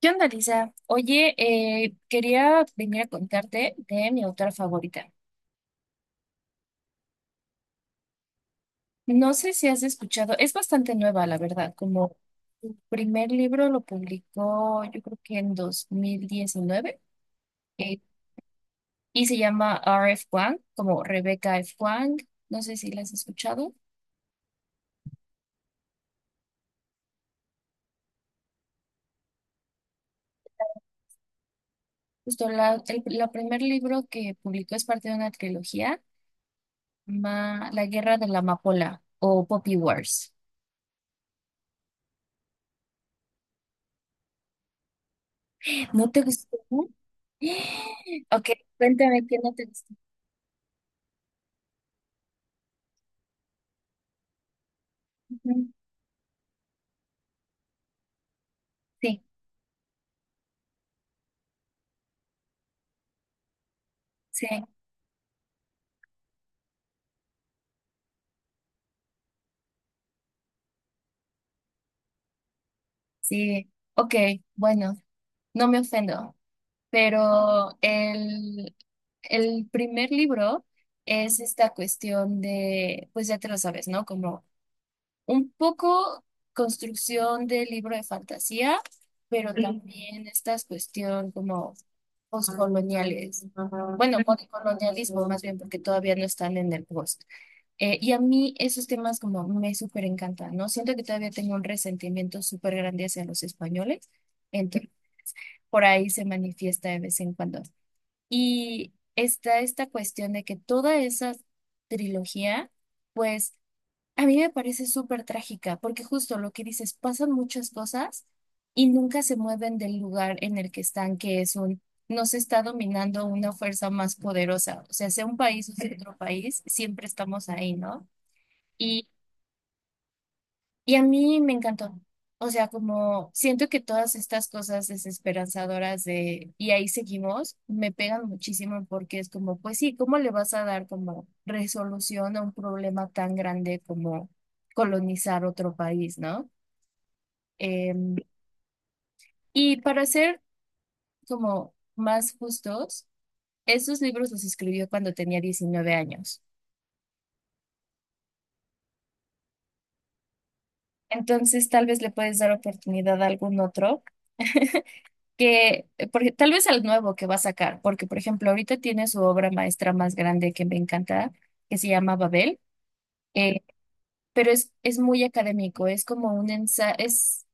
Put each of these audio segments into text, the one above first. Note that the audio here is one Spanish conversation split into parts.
¿Qué onda, Lisa? Oye, quería venir a contarte de mi autora favorita. No sé si has escuchado, es bastante nueva, la verdad, como su primer libro lo publicó yo creo que en 2019 eh, y se llama R.F. Wang, como Rebecca F. Wang, no sé si la has escuchado. Justo la, el la primer libro que publicó es parte de una trilogía, La Guerra de la Amapola o Poppy Wars. ¿No te gustó? Ok, cuéntame qué no te gustó. Ujú, sí, sí, sí. Ok, bueno, no me ofendo, pero el primer libro es esta cuestión de, pues ya te lo sabes, ¿no? Como un poco construcción del libro de fantasía, pero Ujú. También estas cuestión como postcoloniales. Bueno, postcolonialismo más bien, porque todavía no están en el post. Y a mí esos temas como me súper encantan, ¿no? Siento que todavía tengo un resentimiento súper grande hacia los españoles, entonces por ahí se manifiesta de vez en cuando. Y está esta cuestión de que toda esa trilogía, pues a mí me parece súper trágica, porque justo lo que dices, pasan muchas cosas y nunca se mueven del lugar en el que están, que es un... Nos está dominando una fuerza más poderosa. O sea, sea un país o sea otro país, siempre estamos ahí, ¿no? Y a mí me encantó. O sea, como siento que todas estas cosas desesperanzadoras de y ahí seguimos, me pegan muchísimo porque es como, pues sí, ¿cómo le vas a dar como resolución a un problema tan grande como colonizar otro país, ¿no? Em, y para ser como más justos, esos libros los escribió cuando tenía 19 años. Entonces, tal vez le puedes dar oportunidad a algún otro que, porque, tal vez al nuevo que va a sacar, porque por ejemplo ahorita tiene su obra maestra más grande que me encanta, que se llama Babel, eh, pero es muy académico, es como un ensayo,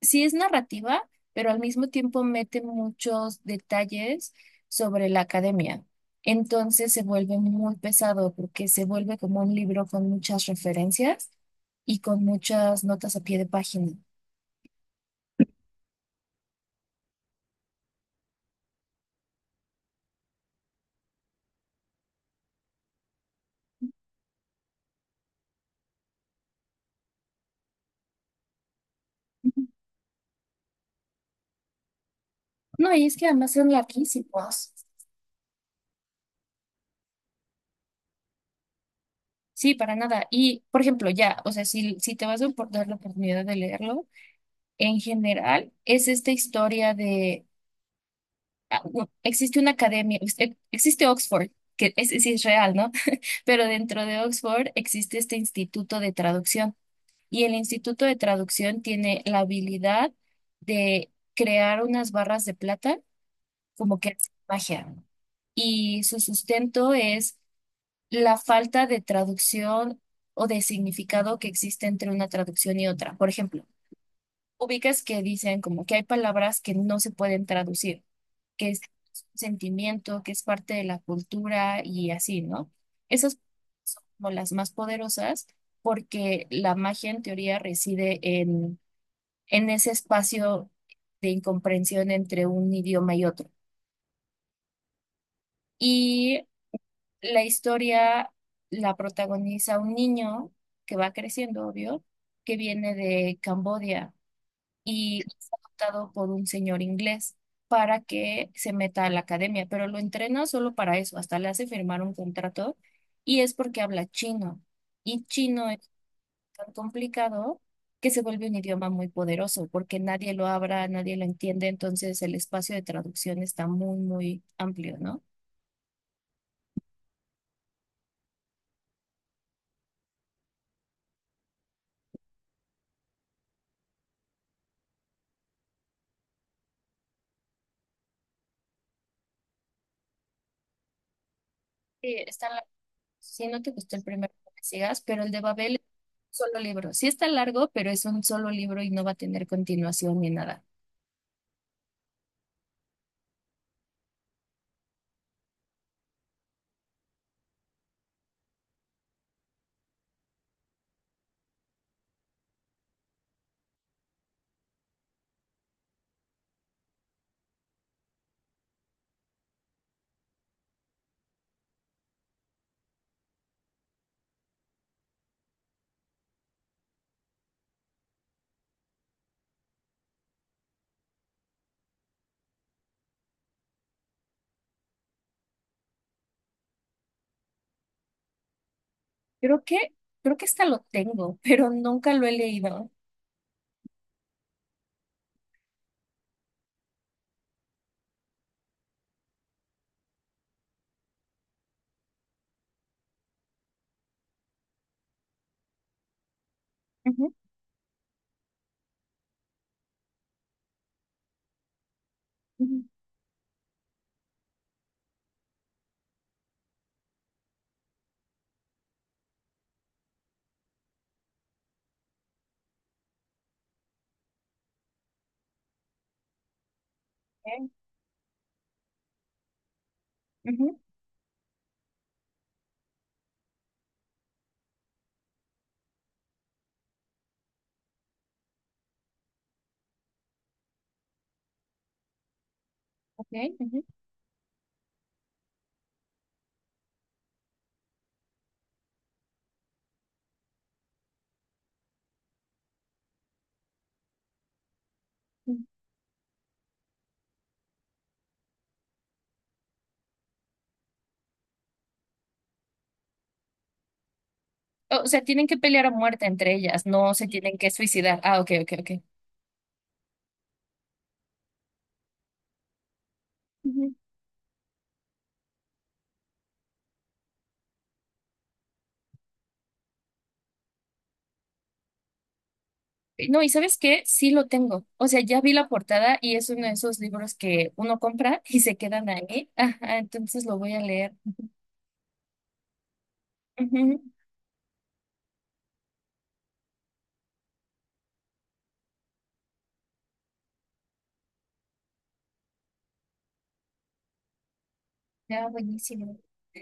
sí es narrativa, pero al mismo tiempo mete muchos detalles sobre la academia. Entonces se vuelve muy pesado porque se vuelve como un libro con muchas referencias y con muchas notas a pie de página. Ujú. No, y es que además son larguísimos. Sí, para nada. Y, por ejemplo, ya, o sea, si te vas a dar la oportunidad de leerlo, en general es esta historia de, existe una academia, existe Oxford, que es, sí es real, ¿no? Pero dentro de Oxford existe este instituto de traducción y el instituto de traducción tiene la habilidad de crear unas barras de plata como que hace magia, ¿no? Y su sustento es la falta de traducción o de significado que existe entre una traducción y otra. Por ejemplo, ubicas que dicen como que hay palabras que no se pueden traducir, que es un sentimiento, que es parte de la cultura y así, ¿no? Esas son como las más poderosas porque la magia en teoría reside en ese espacio de incomprensión entre un idioma y otro. Y la historia la protagoniza un niño que va creciendo, obvio, que viene de Camboya y es adoptado por un señor inglés para que se meta a la academia, pero lo entrena solo para eso, hasta le hace firmar un contrato y es porque habla chino. Y chino es tan complicado que se vuelve un idioma muy poderoso porque nadie lo habla, nadie lo entiende, entonces el espacio de traducción está muy, muy amplio, ¿no? Sí, están. Si no te gustó el primero, no me sigas, pero el de Babel es un solo libro. Sí está largo, pero es un solo libro y no va a tener continuación ni nada. Creo que, creo que esta lo tengo, pero nunca lo he leído. Ujú, ujú, ujú, ok, ujú, ujú. O sea, tienen que pelear a muerte entre ellas, no se tienen que suicidar. Ah, ok, ok, ok. Ujú. No, y ¿sabes qué? Sí lo tengo. O sea, ya vi la portada y es uno de esos libros que uno compra y se quedan ahí. Ajá, entonces lo voy a leer. Ujú. Ya, buenísimo.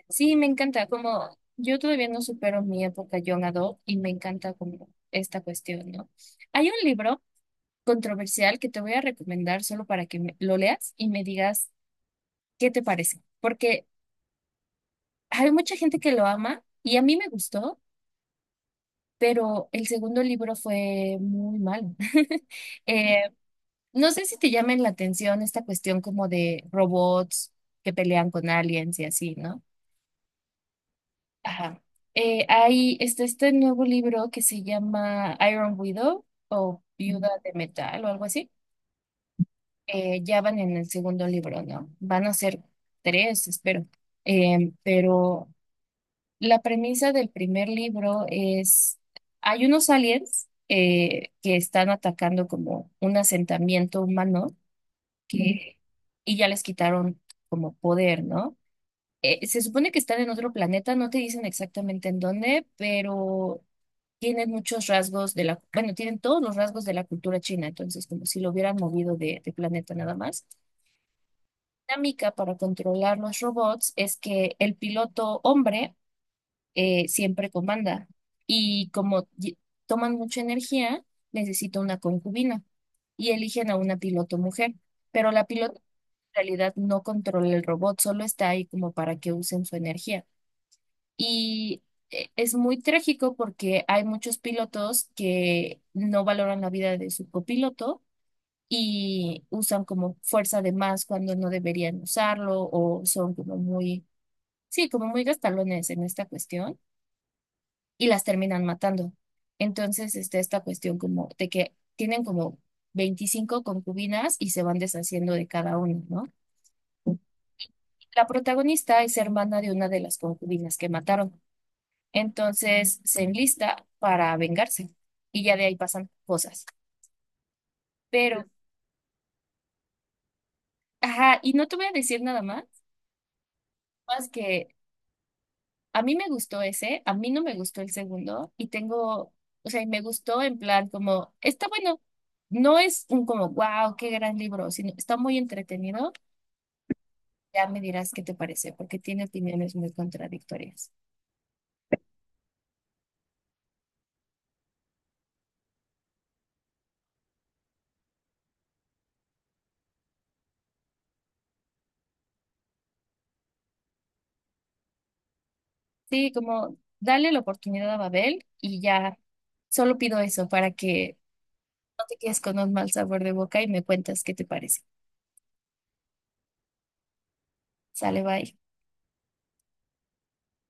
Sí, me encanta, como yo todavía no supero mi época young adult y me encanta como esta cuestión, ¿no? Hay un libro controversial que te voy a recomendar solo para que lo leas y me digas qué te parece, porque hay mucha gente que lo ama y a mí me gustó, pero el segundo libro fue muy malo. Eh, no sé si te llamen la atención esta cuestión como de robots que pelean con aliens y así, ¿no? Ajá. Hay este, nuevo libro que se llama Iron Widow o Viuda de Metal o algo así. Ya van en el segundo libro, ¿no? Van a ser tres, espero. Pero la premisa del primer libro es, hay unos aliens que están atacando como un asentamiento humano que, y ya les quitaron como poder, ¿no? Se supone que están en otro planeta, no te dicen exactamente en dónde, pero tienen muchos rasgos de la, bueno, tienen todos los rasgos de la cultura china, entonces como si lo hubieran movido de planeta nada más. La dinámica para controlar los robots es que el piloto hombre siempre comanda y como toman mucha energía, necesita una concubina y eligen a una piloto mujer, pero la piloto en realidad no controla el robot, solo está ahí como para que usen su energía. Y es muy trágico porque hay muchos pilotos que no valoran la vida de su copiloto y usan como fuerza de más cuando no deberían usarlo o son como muy, sí, como muy gastalones en esta cuestión y las terminan matando. Entonces está esta cuestión como de que tienen como 25 concubinas y se van deshaciendo de cada uno, ¿no? La protagonista es hermana de una de las concubinas que mataron. Entonces se enlista para vengarse y ya de ahí pasan cosas. Pero, ajá, y no te voy a decir nada más, más que a mí me gustó ese, a mí no me gustó el segundo y tengo, o sea, y me gustó en plan como, está bueno, no es un como, wow, qué gran libro, sino está muy entretenido. Ya me dirás qué te parece, porque tiene opiniones muy contradictorias. Sí, como, dale la oportunidad a Babel y ya, solo pido eso para que no te quedes con un mal sabor de boca y me cuentas qué te parece. Sale, bye.